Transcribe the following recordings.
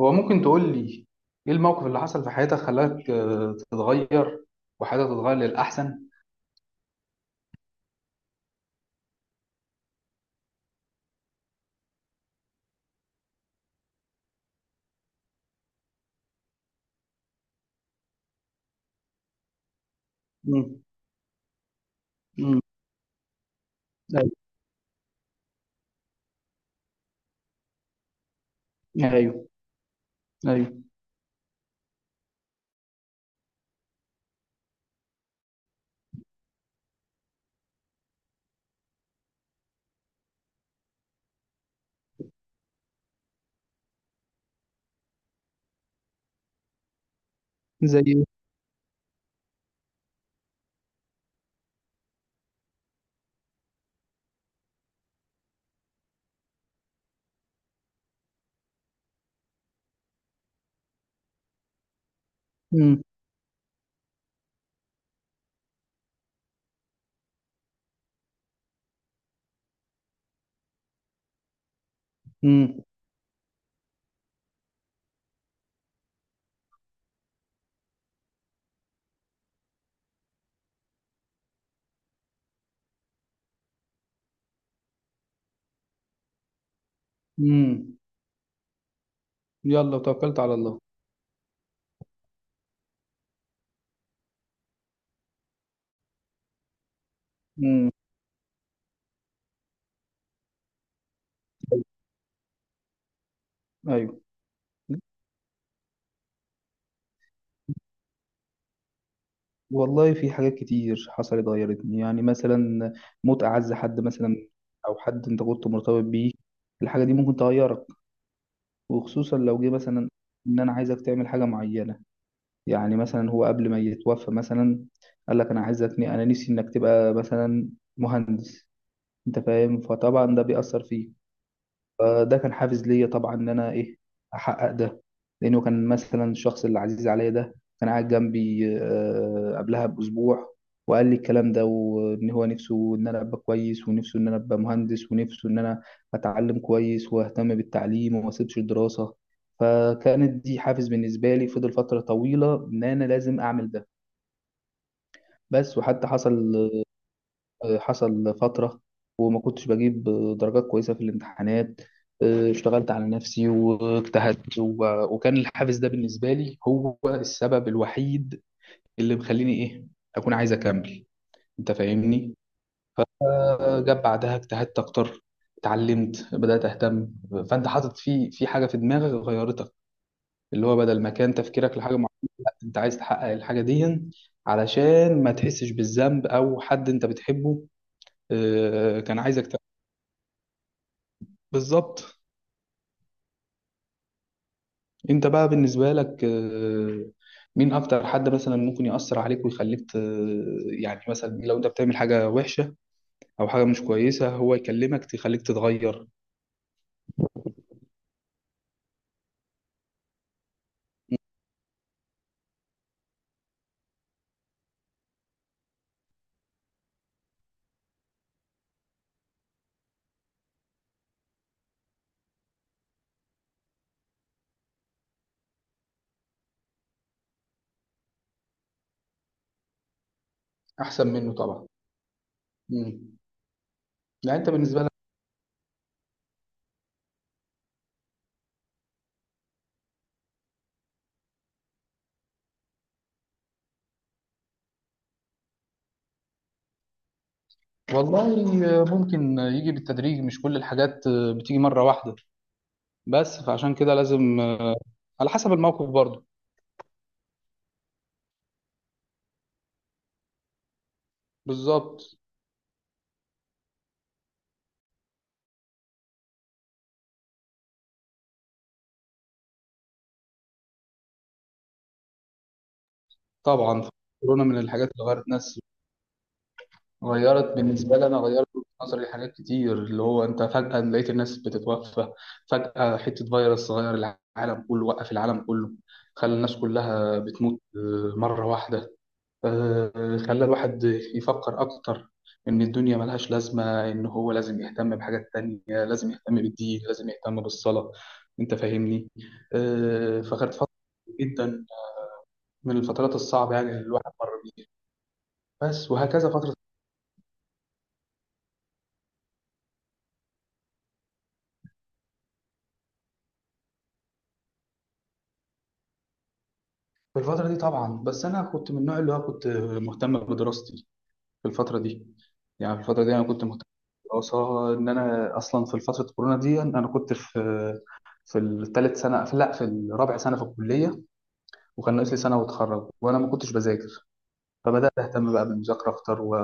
هو ممكن تقول لي ايه الموقف اللي حصل في حياتك خلاك تتغير وحياتك تتغير للأحسن؟ مم. مم. ايوه، ايوه، ايوه. زي ايه؟ مم. مم. مم. يلا وتوكلت على الله. مم. ايوه. والله في حاجات كتير حصلت غيرتني، يعني مثلا موت اعز حد مثلا، او حد انت كنت مرتبط بيه. الحاجه دي ممكن تغيرك، وخصوصا لو جه مثلا ان انا عايزك تعمل حاجه معينه. يعني مثلا هو قبل ما يتوفى مثلا قال لك انا عايزك، انا نفسي انك تبقى مثلا مهندس. انت فاهم؟ فطبعا ده بيأثر فيك. فده كان حافز ليا طبعا ان انا ايه احقق ده. لانه كان مثلا الشخص اللي عزيز عليا ده كان قاعد جنبي قبلها باسبوع. وقال لي الكلام ده، وان هو نفسه ان انا ابقى كويس، ونفسه ان انا ابقى مهندس، ونفسه ان انا اتعلم كويس واهتم بالتعليم وما اسيبش الدراسة. فكانت دي حافز بالنسبة لي، فضل فترة طويلة ان انا لازم اعمل ده. بس وحتى حصل حصل فترة، وما كنتش بجيب درجات كويسة في الامتحانات. اشتغلت على نفسي واجتهدت وكان الحافز ده بالنسبة لي هو السبب الوحيد اللي مخليني ايه اكون عايز اكمل. انت فاهمني؟ جاب بعدها اجتهدت اكتر، اتعلمت، بدأت اهتم. فانت حاطط في حاجة في دماغك غيرتك، اللي هو بدل ما كان تفكيرك لحاجة معينة. لا، انت عايز تحقق الحاجة دي علشان ما تحسش بالذنب، او حد انت بتحبه كان عايزك. بالظبط. انت بقى بالنسبة لك مين اكتر حد مثلا ممكن يأثر عليك ويخليك يعني مثلا لو انت بتعمل حاجة وحشة او حاجة مش كويسة هو يكلمك تخليك تتغير. احسن منه طبعا. مم. يعني انت بالنسبة لك، والله ممكن يجي بالتدريج، مش كل الحاجات بتيجي مرة واحدة. بس فعشان كده لازم على حسب الموقف برضه. بالظبط طبعا. كورونا من الحاجات اللي غيرت ناس. غيرت بالنسبة لي أنا، غيرت وجهة نظري لحاجات كتير، اللي هو أنت فجأة لقيت الناس بتتوفى، فجأة حتة فيروس غير العالم كله، وقف العالم كله، خلى الناس كلها بتموت مرة واحدة. خلى الواحد يفكر أكتر إن الدنيا ملهاش لازمة، إن هو لازم يهتم بحاجات تانية، لازم يهتم بالدين، لازم يهتم بالصلاة. أنت فاهمني؟ فكانت فترة جدا من الفترات الصعبة يعني اللي الواحد مر بيها. بس وهكذا فترة. في الفترة دي طبعا، بس أنا كنت من النوع اللي هو كنت مهتم بدراستي في الفترة دي. يعني في الفترة دي أنا كنت مهتم بالدراسة، إن أنا أصلا في فترة كورونا دي أنا كنت في الثالث سنة، في، لا، في الرابع سنة في الكلية. وكان ناقص لي سنة وأتخرج، وأنا ما كنتش بذاكر. فبدأت أهتم بقى بالمذاكرة أكتر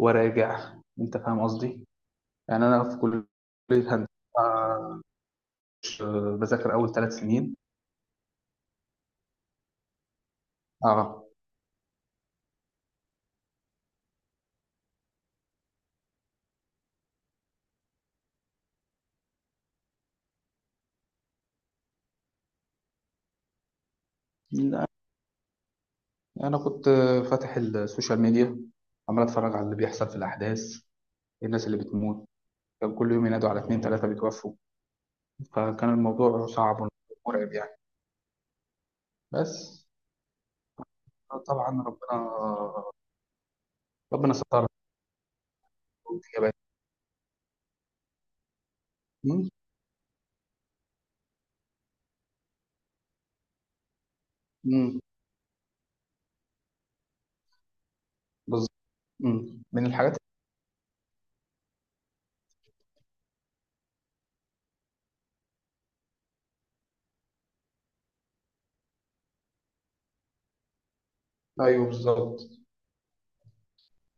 وأراجع. أنت فاهم قصدي؟ يعني أنا في كلية هندسة، آه، مش بذاكر أول ثلاث سنين. أه أنا كنت فاتح السوشيال ميديا، عمال أتفرج على اللي بيحصل في الأحداث، الناس اللي بتموت. كان كل يوم ينادوا على اتنين تلاتة بيتوفوا. فكان الموضوع صعب ومرعب يعني. بس طبعا ربنا، ربنا سترها. والدنيا بقت. مم. مم. بالظبط. مم. من الحاجات. أيوه بالظبط.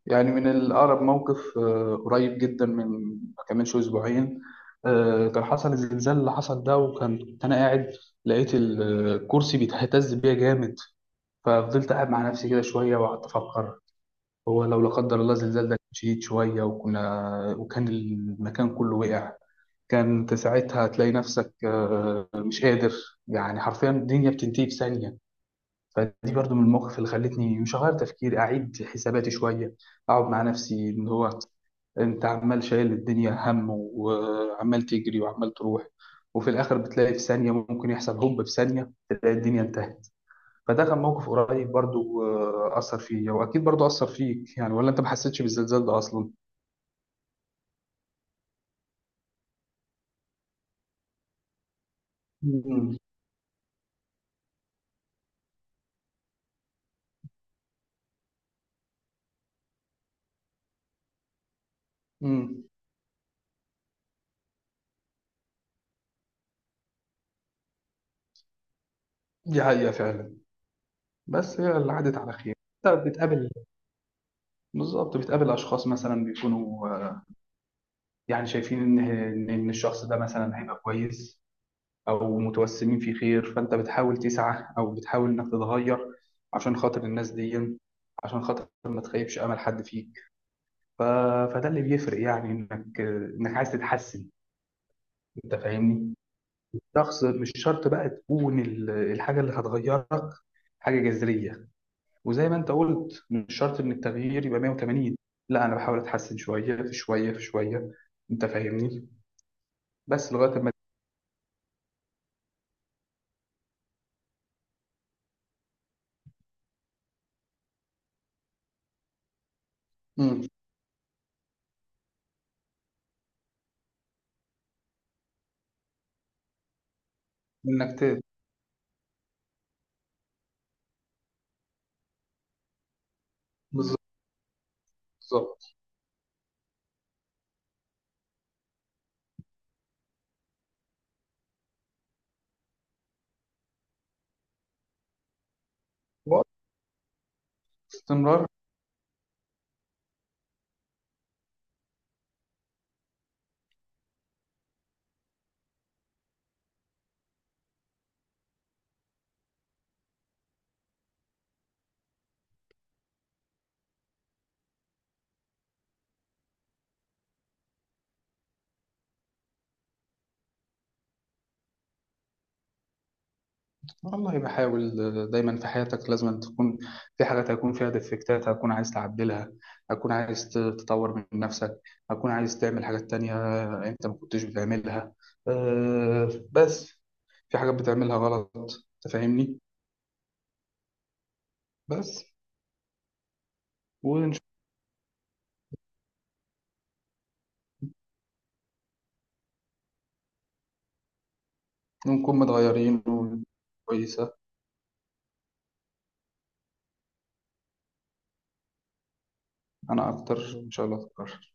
يعني من الأقرب موقف قريب جدا، من ما كملش أسبوعين. كان حصل الزلزال اللي حصل ده، وكنت أنا قاعد لقيت الكرسي بيتهتز بيا جامد. ففضلت قاعد مع نفسي كده شوية وقعدت أفكر. هو لو لا قدر الله الزلزال ده كان شديد شوية، وكان المكان كله وقع. كان انت ساعتها هتلاقي نفسك مش قادر. يعني حرفيا الدنيا بتنتهي في ثانية. فدي برضو من المواقف اللي خلتني، مش هغير تفكيري، أعيد حساباتي شوية، أقعد مع نفسي إن هو انت عمال شايل الدنيا هم، وعمال تجري، وعمال تروح. وفي الاخر بتلاقي في ثانيه ممكن يحصل، هوب في ثانيه تلاقي الدنيا انتهت. فده كان موقف قريب برضو، أثر فيا. وأكيد برضو أثر فيك يعني، ولا أنت ما حسيتش بالزلزال ده أصلا؟ امم امم. دي حقيقة فعلا. بس هي اللي عدت على خير. انت بتقابل بالظبط بتقابل اشخاص مثلا بيكونوا يعني شايفين ان ان إن الشخص ده مثلا هيبقى كويس، او متوسمين في خير. فانت بتحاول تسعى او بتحاول انك تتغير عشان خاطر الناس دي، عشان خاطر ما تخيبش امل حد فيك. ف... فده اللي بيفرق، يعني انك عايز تتحسن. انت فاهمني؟ شخص، مش شرط بقى تكون الحاجة اللي هتغيرك حاجة جذرية. وزي ما انت قلت مش شرط ان التغيير يبقى 180. لا، انا بحاول اتحسن شوية في شوية في شوية. انت فاهمني؟ بس لغاية ما. مم. انك ت- بالظبط. بالظبط. وقت. استمرار. والله بحاول. دايما في حياتك لازم تكون في حاجات هيكون فيها ديفكتات، هتكون عايز تعدلها، هتكون عايز تطور من نفسك، هتكون عايز تعمل حاجات تانية انت ما كنتش بتعملها. بس في حاجات بتعملها غلط. تفهمني؟ بس. ونش- ونكون متغيرين وكويسة. أنا أكتر. إن شاء الله أتكرر.